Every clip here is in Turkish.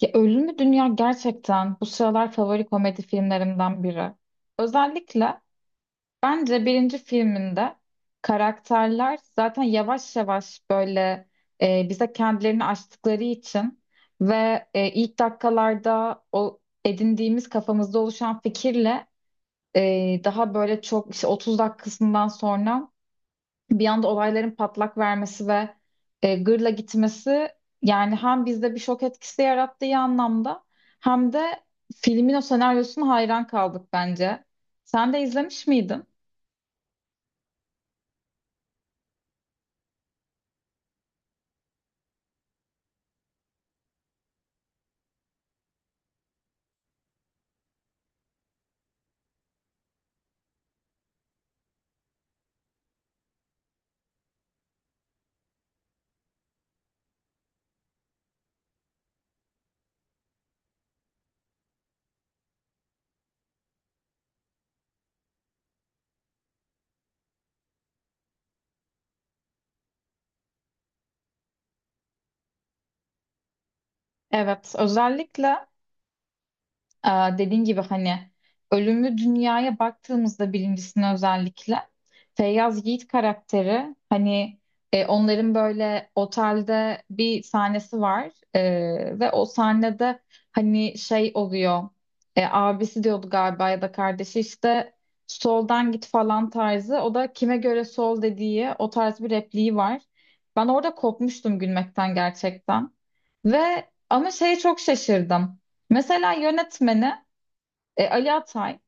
Ya Ölümlü Dünya gerçekten bu sıralar favori komedi filmlerimden biri. Özellikle bence birinci filminde karakterler zaten yavaş yavaş böyle bize kendilerini açtıkları için ve ilk dakikalarda o edindiğimiz kafamızda oluşan fikirle daha böyle çok işte 30 dakikasından sonra bir anda olayların patlak vermesi ve gırla gitmesi, yani hem bizde bir şok etkisi yarattığı anlamda hem de filmin o senaryosuna hayran kaldık bence. Sen de izlemiş miydin? Evet, özellikle Ee, dediğin gibi hani ölümlü dünyaya baktığımızda birincisine özellikle Feyyaz Yiğit karakteri, hani onların böyle otelde bir sahnesi var. Ve o sahnede hani şey oluyor, abisi diyordu galiba ya da kardeşi işte soldan git falan tarzı, o da kime göre sol dediği, o tarz bir repliği var. Ben orada kopmuştum gülmekten gerçekten ve ama şeye çok şaşırdım. Mesela yönetmeni Ali Atay,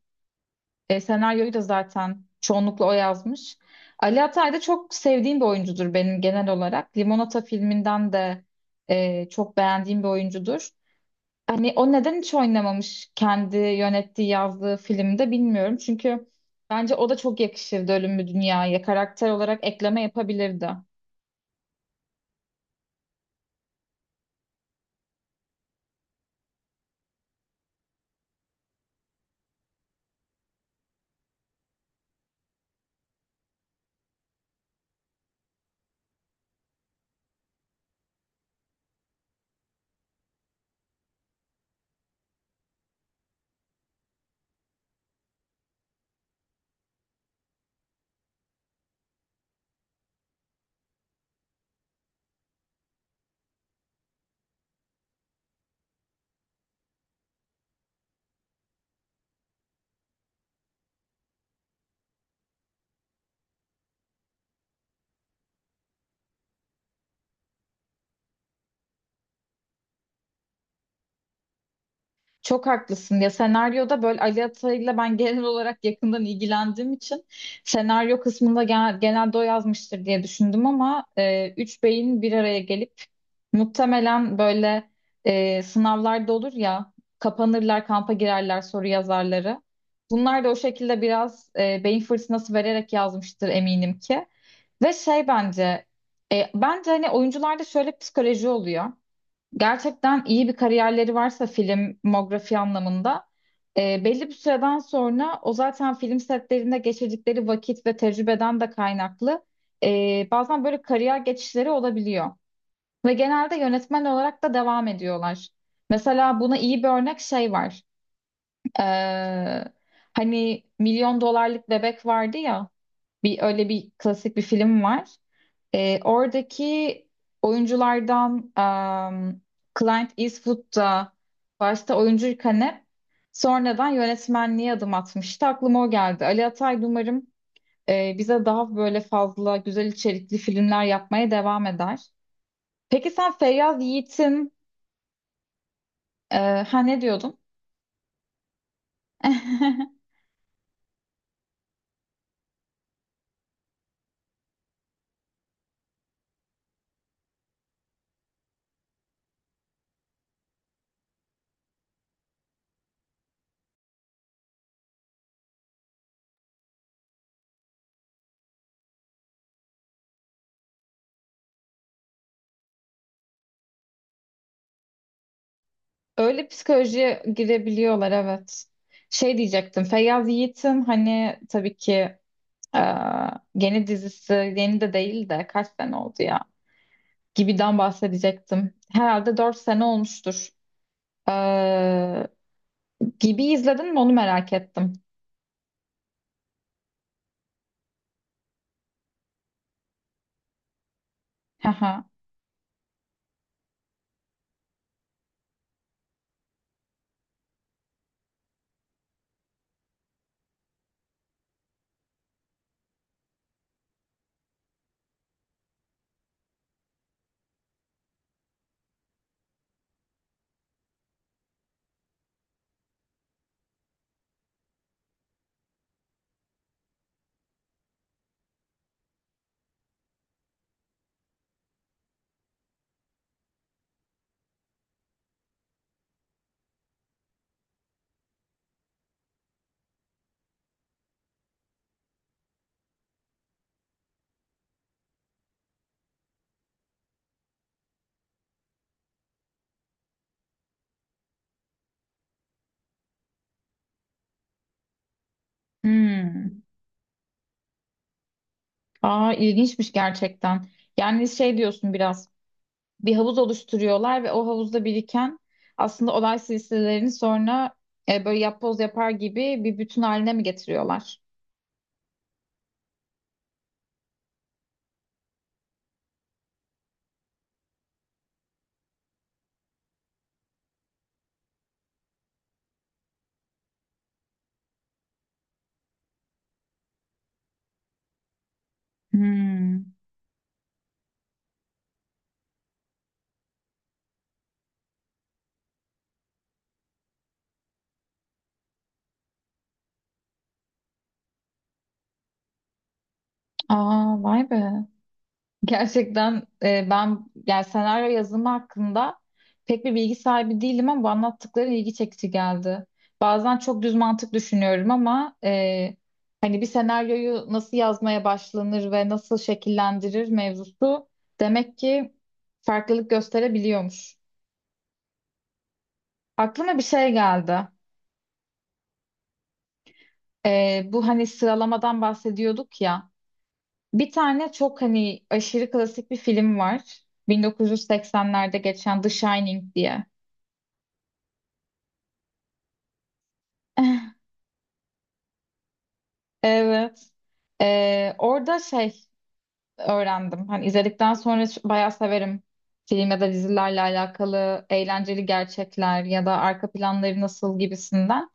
senaryoyu da zaten çoğunlukla o yazmış. Ali Atay da çok sevdiğim bir oyuncudur benim, genel olarak. Limonata filminden de çok beğendiğim bir oyuncudur. Hani o neden hiç oynamamış kendi yönettiği, yazdığı filmde bilmiyorum. Çünkü bence o da çok yakışırdı Ölüm Mü Dünya'ya. Karakter olarak ekleme yapabilirdi. Çok haklısın ya, senaryoda böyle Ali Atay'la ben genel olarak yakından ilgilendiğim için senaryo kısmında genelde o yazmıştır diye düşündüm, ama üç beyin bir araya gelip muhtemelen böyle, sınavlarda olur ya, kapanırlar, kampa girerler soru yazarları. Bunlar da o şekilde biraz beyin fırtınası vererek yazmıştır, eminim ki. Ve şey bence, bence hani oyuncularda şöyle psikoloji oluyor: gerçekten iyi bir kariyerleri varsa filmografi anlamında, belli bir süreden sonra o zaten film setlerinde geçirdikleri vakit ve tecrübeden de kaynaklı bazen böyle kariyer geçişleri olabiliyor. Ve genelde yönetmen olarak da devam ediyorlar. Mesela buna iyi bir örnek şey var. Ee, hani Milyon Dolarlık Bebek vardı ya, bir öyle bir klasik bir film var. Oradaki oyunculardan um, Clint Eastwood da başta oyuncuyken hep sonradan yönetmenliğe adım atmıştı. Aklıma o geldi. Ali Atay umarım bize daha böyle fazla güzel içerikli filmler yapmaya devam eder. Peki sen Feyyaz Yiğit'in ne diyordun? Öyle psikolojiye girebiliyorlar, evet. Şey diyecektim. Feyyaz Yiğit'in hani tabii ki Ee, yeni dizisi, yeni de değil de kaç sene oldu ya, Gibi'den bahsedecektim. Herhalde 4 sene olmuştur. Ee, Gibi izledin mi onu merak ettim. Haha. Hmm. Aa, ilginçmiş gerçekten. Yani şey diyorsun, biraz bir havuz oluşturuyorlar ve o havuzda biriken aslında olay silsilelerini sonra böyle yapboz yapar gibi bir bütün haline mi getiriyorlar? Hmm. Aa, vay be. Gerçekten ben yani senaryo yazımı hakkında pek bir bilgi sahibi değilim, ama bu anlattıkların ilgi çekici geldi. Bazen çok düz mantık düşünüyorum, ama hani bir senaryoyu nasıl yazmaya başlanır ve nasıl şekillendirir mevzusu, demek ki farklılık gösterebiliyormuş. Aklıma bir şey geldi. Bu hani sıralamadan bahsediyorduk ya. Bir tane çok hani aşırı klasik bir film var. 1980'lerde geçen The Shining diye. Evet. Orada şey öğrendim. Hani izledikten sonra, bayağı severim film ya da dizilerle alakalı eğlenceli gerçekler ya da arka planları nasıl gibisinden.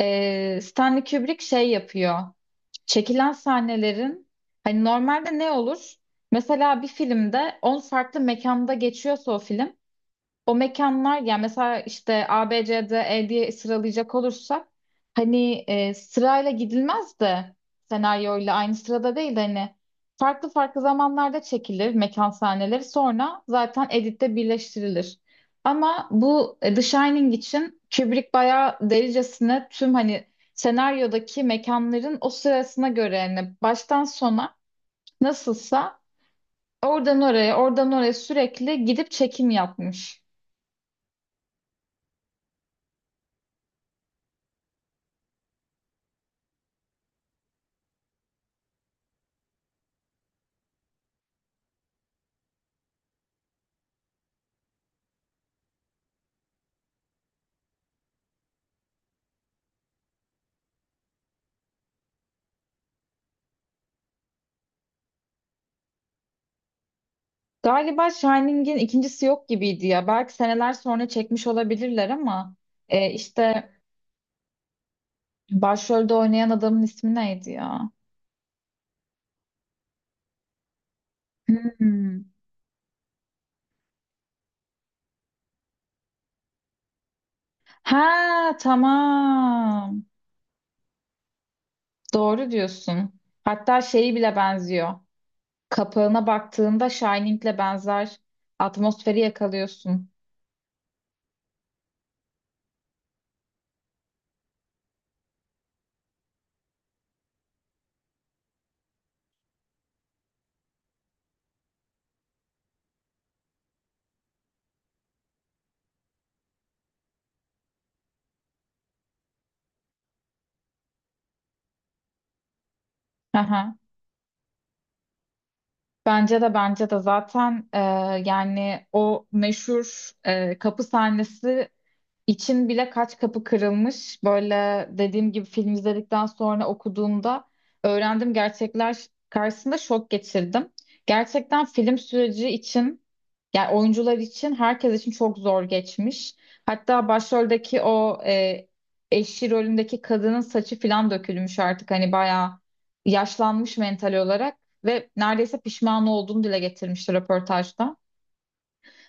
Stanley Kubrick şey yapıyor. Çekilen sahnelerin hani normalde ne olur? Mesela bir filmde 10 farklı mekanda geçiyorsa o film, o mekanlar, yani mesela işte A, B, C, D, E diye sıralayacak olursak, hani sırayla gidilmez de, senaryoyla aynı sırada değil de hani farklı farklı zamanlarda çekilir mekan sahneleri, sonra zaten editte birleştirilir. Ama bu The Shining için Kubrick bayağı delicesine tüm hani senaryodaki mekanların o sırasına göre, yani baştan sona nasılsa, oradan oraya oradan oraya sürekli gidip çekim yapmış. Galiba Shining'in ikincisi yok gibiydi ya. Belki seneler sonra çekmiş olabilirler, ama işte başrolde oynayan adamın ismi neydi ya? Hmm. Ha, tamam. Doğru diyorsun. Hatta şeyi bile benziyor. Kapağına baktığında Shining'le benzer atmosferi yakalıyorsun. Aha. Bence de, bence de zaten yani o meşhur kapı sahnesi için bile kaç kapı kırılmış. Böyle dediğim gibi film izledikten sonra okuduğumda öğrendim, gerçekler karşısında şok geçirdim. Gerçekten film süreci için, yani oyuncular için, herkes için çok zor geçmiş. Hatta başroldeki o eşi rolündeki kadının saçı falan dökülmüş artık, hani bayağı yaşlanmış mental olarak ve neredeyse pişman olduğunu dile getirmişti röportajda.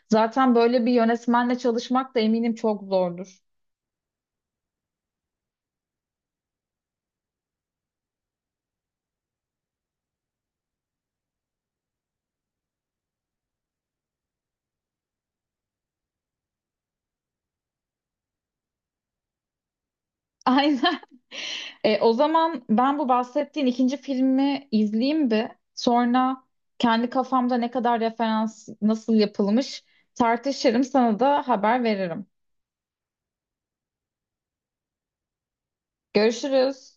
Zaten böyle bir yönetmenle çalışmak da eminim çok zordur. Aynen. O zaman ben bu bahsettiğin ikinci filmi izleyeyim bir. Sonra kendi kafamda ne kadar referans nasıl yapılmış tartışırım, sana da haber veririm. Görüşürüz.